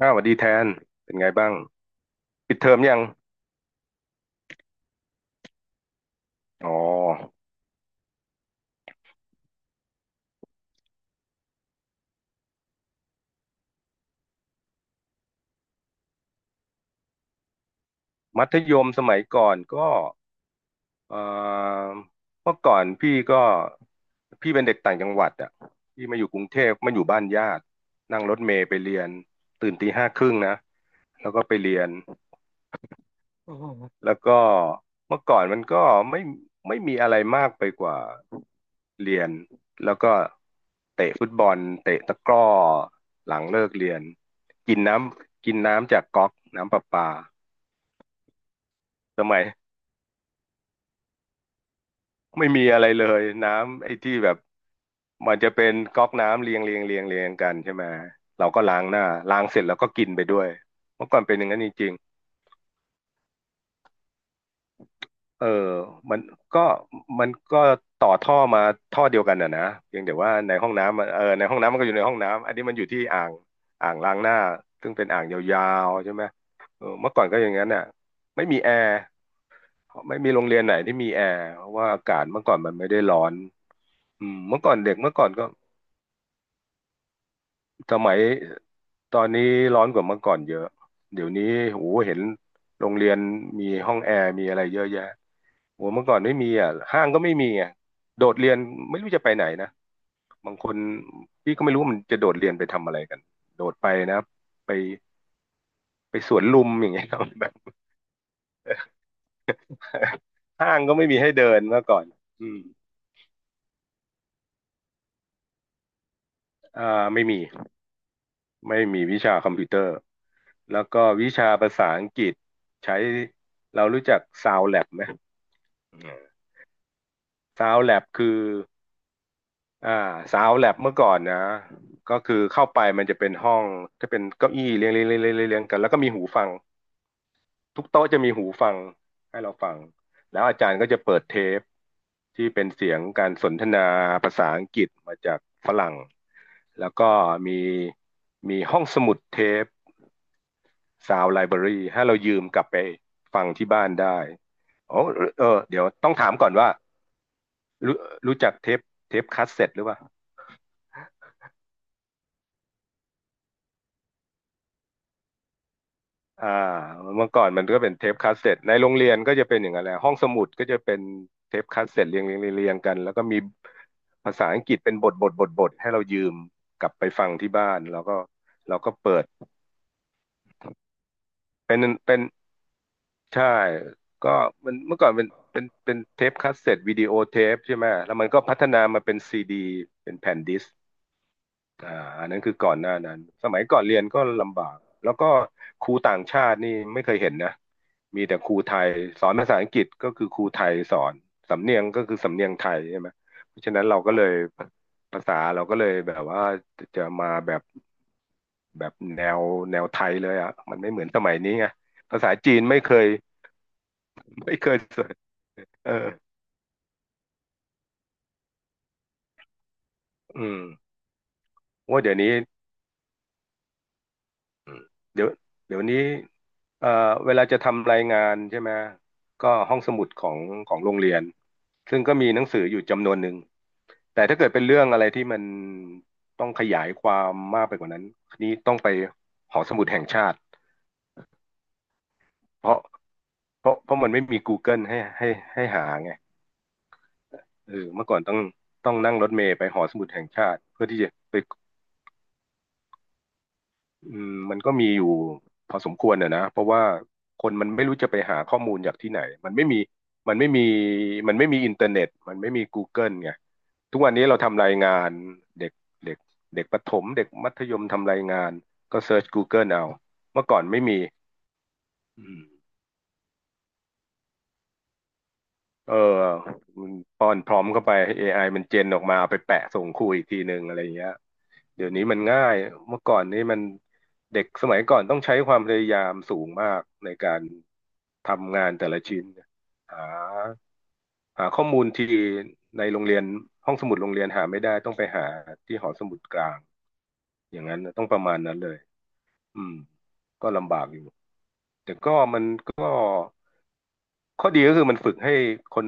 อ้าวสวัสดีแทน เป็นไงบ้าง ปิดเทอมยัง อ๋อ มัธยมสมัยก่อนก็เอ่อเมื่อก่อนพี่ก็ พี่เป็นเด็กต่างจังหวัดอ่ะพี่มาอยู่กรุงเทพมาอยู่บ้านญาติ นั่งรถเมล์ไปเรียน ตื่นตีห้าครึ่งนะ แล้วก็ไปเรียน แล้วก็เมื่อก่อนมันก็ไม่ไม่มีอะไรมากไปกว่าเรียนแล้วก็เตะฟุตบอลเตะตะกร้อหลังเลิกเรียนกินน้ำกินน้ำจากก๊อกน้ำประปาสมัยไม่มีอะไรเลยน้ำไอ้ที่แบบมันจะเป็นก๊อกน้ำเรียงเรียงเรียงเรียงกันใช่ไหมเราก็ล้างหน้าล้างเสร็จแล้วก็กินไปด้วยเมื่อก่อนเป็นอย่างนั้นจริง เออมันก็มันก็ต่อท่อมาท่อเดียวกันอ่ะนะเพียงแต่ว่าในห้องน้ำมันเออในห้องน้ำมันก็อยู่ในห้องน้ำอันนี้มันอยู่ที่อ่างอ่างล้างหน้าซึ่งเป็นอ่างยาวๆใช่ไหมเออเมื่อก่อนก็อย่างนั้นน่ะไม่มีแอร์ไม่มีโรงเรียนไหนที่มีแอร์เพราะว่าอากาศเมื่อก่อนมันไม่ได้ร้อนอืมเมื่อก่อนเด็กเมื่อก่อนก็สมัยตอนนี้ร้อนกว่าเมื่อก่อนเยอะ เดี๋ยวนี้โหเห็นโรงเรียนมีห้องแอร์มีอะไรเยอะแยะ โอ้เมื่อก่อนไม่มีอ่ะห้างก็ไม่มีอ่ะโดดเรียนไม่รู้จะไปไหนนะ บางคนพี่ก็ไม่รู้ว่ามันจะโดดเรียนไปทำอะไรกัน โดดไปนะไปไปสวนลุมอย่างเงี้ยครับ แบบ ห้างก็ไม่มีให้เดินเมื่อก่อนอืมอ่าไม่มี ไม่มีวิชาคอมพิวเตอร์ แล้วก็วิชาภาษาอังกฤษใช้เรารู้จัก Sound Lab ไหม Sound Lab คือ อ่าสาวแลบเมื่อก่อนนะก็คือเข้าไปมันจะเป็นห้องจะเป็นเก้าอี้เรียงเรียงเรียงเรียงเรียงเรียงกันแล้วก็มีหูฟังทุกโต๊ะจะมีหูฟังให้เราฟังแล้วอาจารย์ก็จะเปิดเทปที่เป็นเสียงการสนทนาภาษาอังกฤษมาจากฝรั่งแล้วก็มีมีห้องสมุดเทป u าวไลบรารีให้เรายืมกลับไปฟังที่บ้านได้โอ้เออเดี๋ยวต้องถามก่อนว่ารู้รู้จักเทปเทปคาสเซ็ตหรือเปล่า อ่าเมื่อก่อนมันก็เป็นเทปคาสเซ็ตในโรงเรียนก็จะเป็นอย่างนั้นแหละห้องสมุดก็จะเป็นเทปคาสเซ็ตเรียงเรียงเรียงเรียงกันแล้วก็มีภาษาอังกฤษเป็นบทบทบทบทให้เรายืมกลับไปฟังที่บ้านแล้วก็เราก็เปิดเป็นเป็นใช่ก็มันเมื่อก่อนเป็นเป็นเทปคาสเซ็ตวิดีโอเทปใช่ไหมแล้วมันก็พัฒนามาเป็นซีดีเป็นแผ่นดิส อ่าอันนั้นคือก่อนหน้านั้นสมัยก่อนเรียนก็ลำบากแล้วก็ครูต่างชาตินี่ไม่เคยเห็นนะมีแต่ครูไทยสอนภาษาอังกฤษก็คือครูไทยสอนสำเนียงก็คือสำเนียงไทยใช่ไหมเพราะฉะนั้นเราก็เลยภาษาเราก็เลยแบบว่าจะมาแบบแบบแนวแนวไทยเลยอ่ะมันไม่เหมือนสมัยนี้ไงภาษาจีนไม่เคยสอนเอออืมว่าเดี๋ยวนี้ อืมเดี๋ยวเดี๋ยวนี้เอ่อเวลาจะทำรายงานใช่ไหมก็ห้องสมุดของโรงเรียน ซึ่งก็มีหนังสืออยู่จำนวนหนึ่ง แต่ถ้าเกิดเป็นเรื่องอะไรที่มันต้องขยายความมากไปกว่านั้นนี่ต้องไปหอสมุดแห่งชาติเพราะเพราะมันไม่มี Google ให้ให้หาไงเออเมื่อก่อนต้องนั่งรถเมล์ไปหอสมุดแห่งชาติเพื่อที่จะไป อืมมันก็มีอยู่พอสมควรอะนะเพราะว่าคนมันไม่รู้จะไปหาข้อมูลจากที่ไหนมันไม่มีมันไม่มีมันไม่มีอินเทอร์เน็ตมันไม่มี Google ไงทุกวันนี้เราทำรายงานเด็กเด็กเด็กประถมเด็กมัธยมทำรายงานก็เซิร์ช Google เอาเมื่อก่อนไม่มีอืม เออมันป้อนพร้อมเข้าไปให้ AI มันเจนออกมาเอาไปแปะส่งครูอีกทีหนึ่งอะไรอย่างเงี้ยเดี๋ยวนี้มันง่าย เมื่อก่อนนี้มันเด็กสมัยก่อนต้องใช้ความพยายามสูงมากในการทำงานแต่ละชิ้น หาหาข้อมูลที่ในโรงเรียนห้องสมุดโรงเรียนหาไม่ได้ต้องไปหาที่หอสมุดกลาง อย่างนั้นนะต้องประมาณนั้นเลยอืมก็ลำบากอยู่ แต่ก็มันก็ ข้อดีก็คือมันฝึกให้คน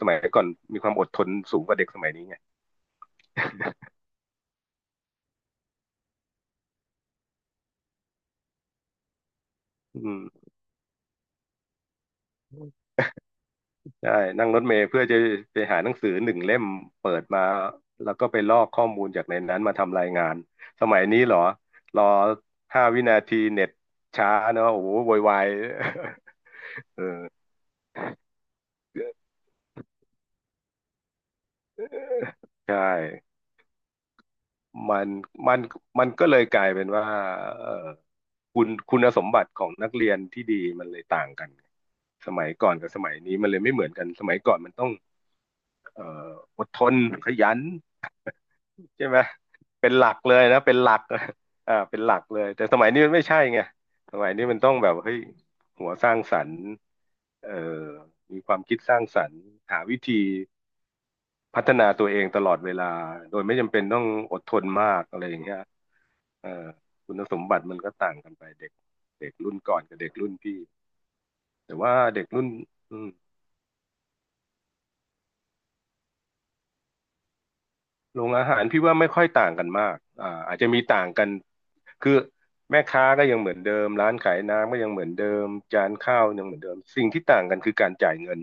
สมัยก่อนมีความอดทนสูงกว่าเด็กสมัยนี้ไงอืมใช่ นั่งรถเมล์เพื่อจะไปหาหนังสือหนึ่งเล่มเปิดมาแล้วก็ไปลอกข้อมูลจากในนั้นมาทำรายงาน สมัยนี้เหรอ รอ5 วินาทีเน็ตช้าเนอะโอ้โหโวยวาย เออใช่มันมันมันก็เลยกลายเป็นว่าเออคุณสมบัติของนักเรียนที่ดีมันเลยต่างกัน สมัยก่อนกับสมัยนี้มันเลยไม่เหมือนกันสมัยก่อนมันต้อง เอ่ออดทนขยันใช่ไหมเป็นหลักเลยนะเป็นหลัก อ่าเป็นหลักเลยแต่สมัยนี้มันไม่ใช่ไงสมัยนี้มันต้องแบบเฮ้ยหัวสร้างสรรค์เอ่อมีความคิดสร้างสรรค์หาวิธีพัฒนาตัวเองตลอดเวลาโดยไม่จำเป็นต้องอดทนมากอะไรอย่างเงี้ยเอ่อคุณสมบัติมันก็ต่างกันไปเด็กเด็กรุ่นก่อนกับเด็กรุ่นพี่แต่ว่าเด็กรุ่นอืม โรงอาหารพี่ว่าไม่ค่อยต่างกันมากอ่าอาจจะมีต่างกัน คือแม่ค้าก็ยังเหมือนเดิมร้านขายน้ำก็ยังเหมือนเดิมจานข้าวยังเหมือนเดิมสิ่งที่ต่างกันคือการจ่ายเงิน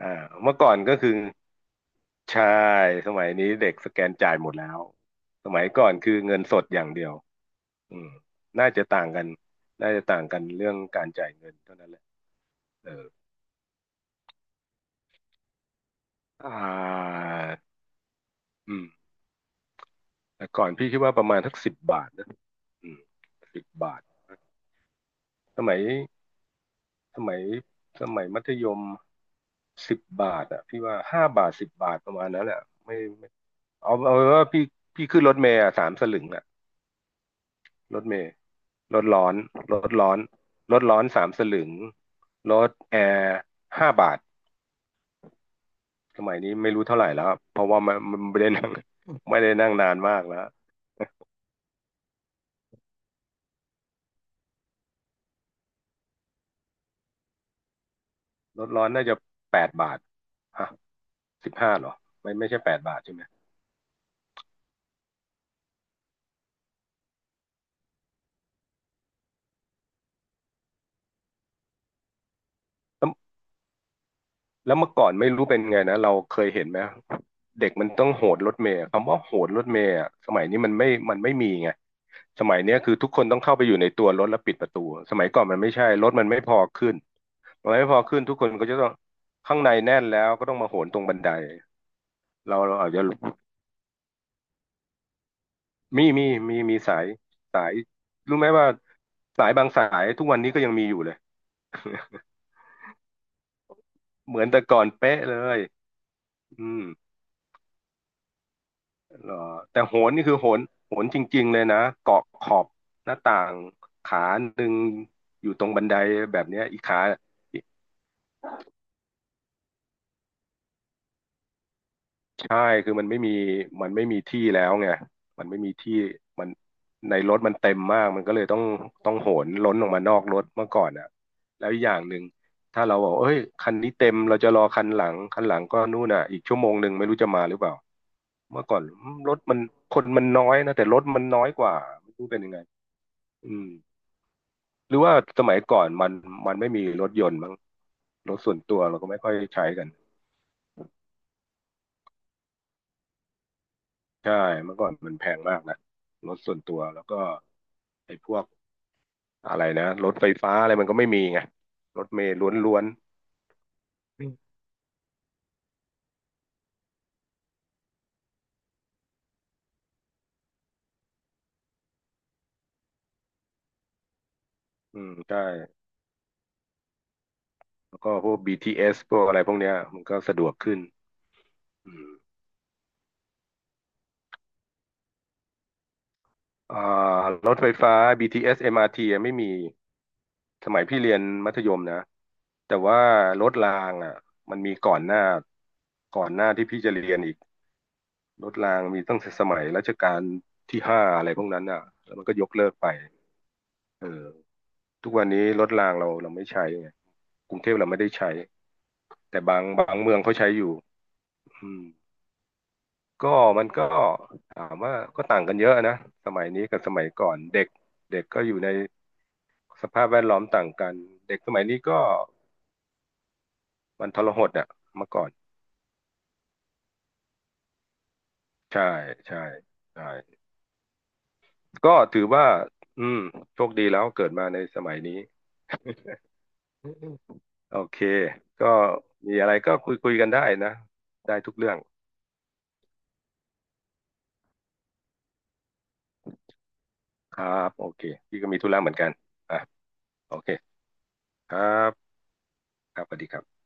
อ่าเมื่อก่อนก็คือใช่สมัยนี้เด็กสแกนจ่ายหมดแล้วสมัยก่อนคือเงินสดอย่างเดียวอืมน่าจะต่างกัน น่าจะต่างกันเรื่องการจ่ายเงินเท่านั้นแหละเอออ่าอืมแต่ก่อนพี่คิดว่าประมาณทักสิบบาทนะอืมสิบบาทสมัย สมัยสมัยมัธยมสิบบาทอ่ะพี่ว่า5 บาท 10 บาทประมาณนั้นแหละไม่ไม่เอาเป็นว่าพี่ขึ้นรถเมล์อะสามสลึงอ่ะรถเมล์รถร้อนรถร้อนรถร้อนสามสลึงรถแอร์ห้าบาทสมัยนี้ไม่รู้เท่าไหร่แล้วเพราะว่ามันไม่ได้นั่ง ไม่ได้นั่งนานมากแล้วรถร้อนน่าจะแปดบาทฮะ15เหรอไม่ไม่ใช่แปดบาทใช่ไหมส แล้วเมื่อก่อนไม่รู้เป็นไงนะเราเคยเห็นไหมเด็กมันต้องโหดรถเมล์อะคำว่าโหดรถเมล์อะสมัยนี้มันไม่มีไงสมัยเนี้ยคือทุกคนต้องเข้าไปอยู่ในตัวรถแล้วปิดประตูสมัยก่อนมันไม่ใช่รถมันไม่พอขึ้นมันไม่พอขึ้นทุกคนก็จะต้องข้างในแน่นแล้วก็ต้องมาโหนตรงบันไดเราอาจจะมีมีมีสายสายรู้ไหมว่าสายบางสายทุกวันนี้ก็ยังมีอยู่เลยเหมือนแต่ก่อนเป๊ะเลยอืม เหรอแต่โหนนี่คือโหนจริงๆเลยนะเกาะขอบหน้าต่างขาหนึ่งอยู่ตรงบันไดแบบเนี้ยอีกขาใช่คือมันไม่มีที่แล้วไงมันไม่มีที่มันในรถมันเต็มมากมันก็เลยต้องโหนล้นออกมานอกรถเมื่อก่อนอ่ะแล้วอีกอย่างหนึ่งถ้าเราบอกเอ้ยคันนี้เต็มเราจะรอคันหลังคันหลังก็นู่นอ่ะอีกชั่วโมงหนึ่งไม่รู้จะมาหรือเปล่าเมื่อก่อนรถมันคนมันน้อยนะแต่รถมันน้อยกว่าไม่รู้เป็นยังไงอืม หรือว่าสมัยก่อนมันไม่มีรถยนต์มั้งรถส่วนตัวเราก็ไม่ค่อยใช้กันใช่เมื่อก่อนมันแพงมากนะรถส่วนตัวแล้วก็ไอ้พวกอะไรนะรถไฟฟ้าอะไรมันก็ไม่มีไงรถเมล์ล้วนๆอืมใช่แล้วก็พวก BTS พวกอะไรพวกเนี้ยมันก็สะดวกขึ้นอืมอ่ารถไฟฟ้า BTS MRT อสเอ็มอาร์ทีอะไม่มีสมัยพี่เรียนมัธยมนะแต่ว่ารถรางอ่ะมันมีก่อนหน้าก่อนหน้าที่พี่จะเรียนอีก รถรางมีตั้งแต่สมัยรัชกาลที่ 5อะไรพวกนั้นอ่ะแล้วมันก็ยกเลิกไปเออทุกวันนี้รถรางเราไม่ใช้ไงกรุงเทพเราไม่ได้ใช้แต่บางเมืองเขาใช้อยู่อืมก็มันก็ถามว่าก็ต่างกันเยอะนะสมัยนี้กับสมัยก่อนเด็กเด็กก็อยู่ในสภาพแวดล้อมต่างกันเด็กสมัยนี้ก็มันทรหดอ่ะเมื่อก่อนใช่ใช่ใช่ก็ถือว่าอืมโชคดีแล้วเกิดมาในสมัยนี้ โอเค ก็มีอะไรก็คุยกันได้นะ ได้ทุกเรื่อง ครับ โอเค พี่ก็มีธุระเหมือนกันอ่ะโอเคครับครับสวัสดีครับ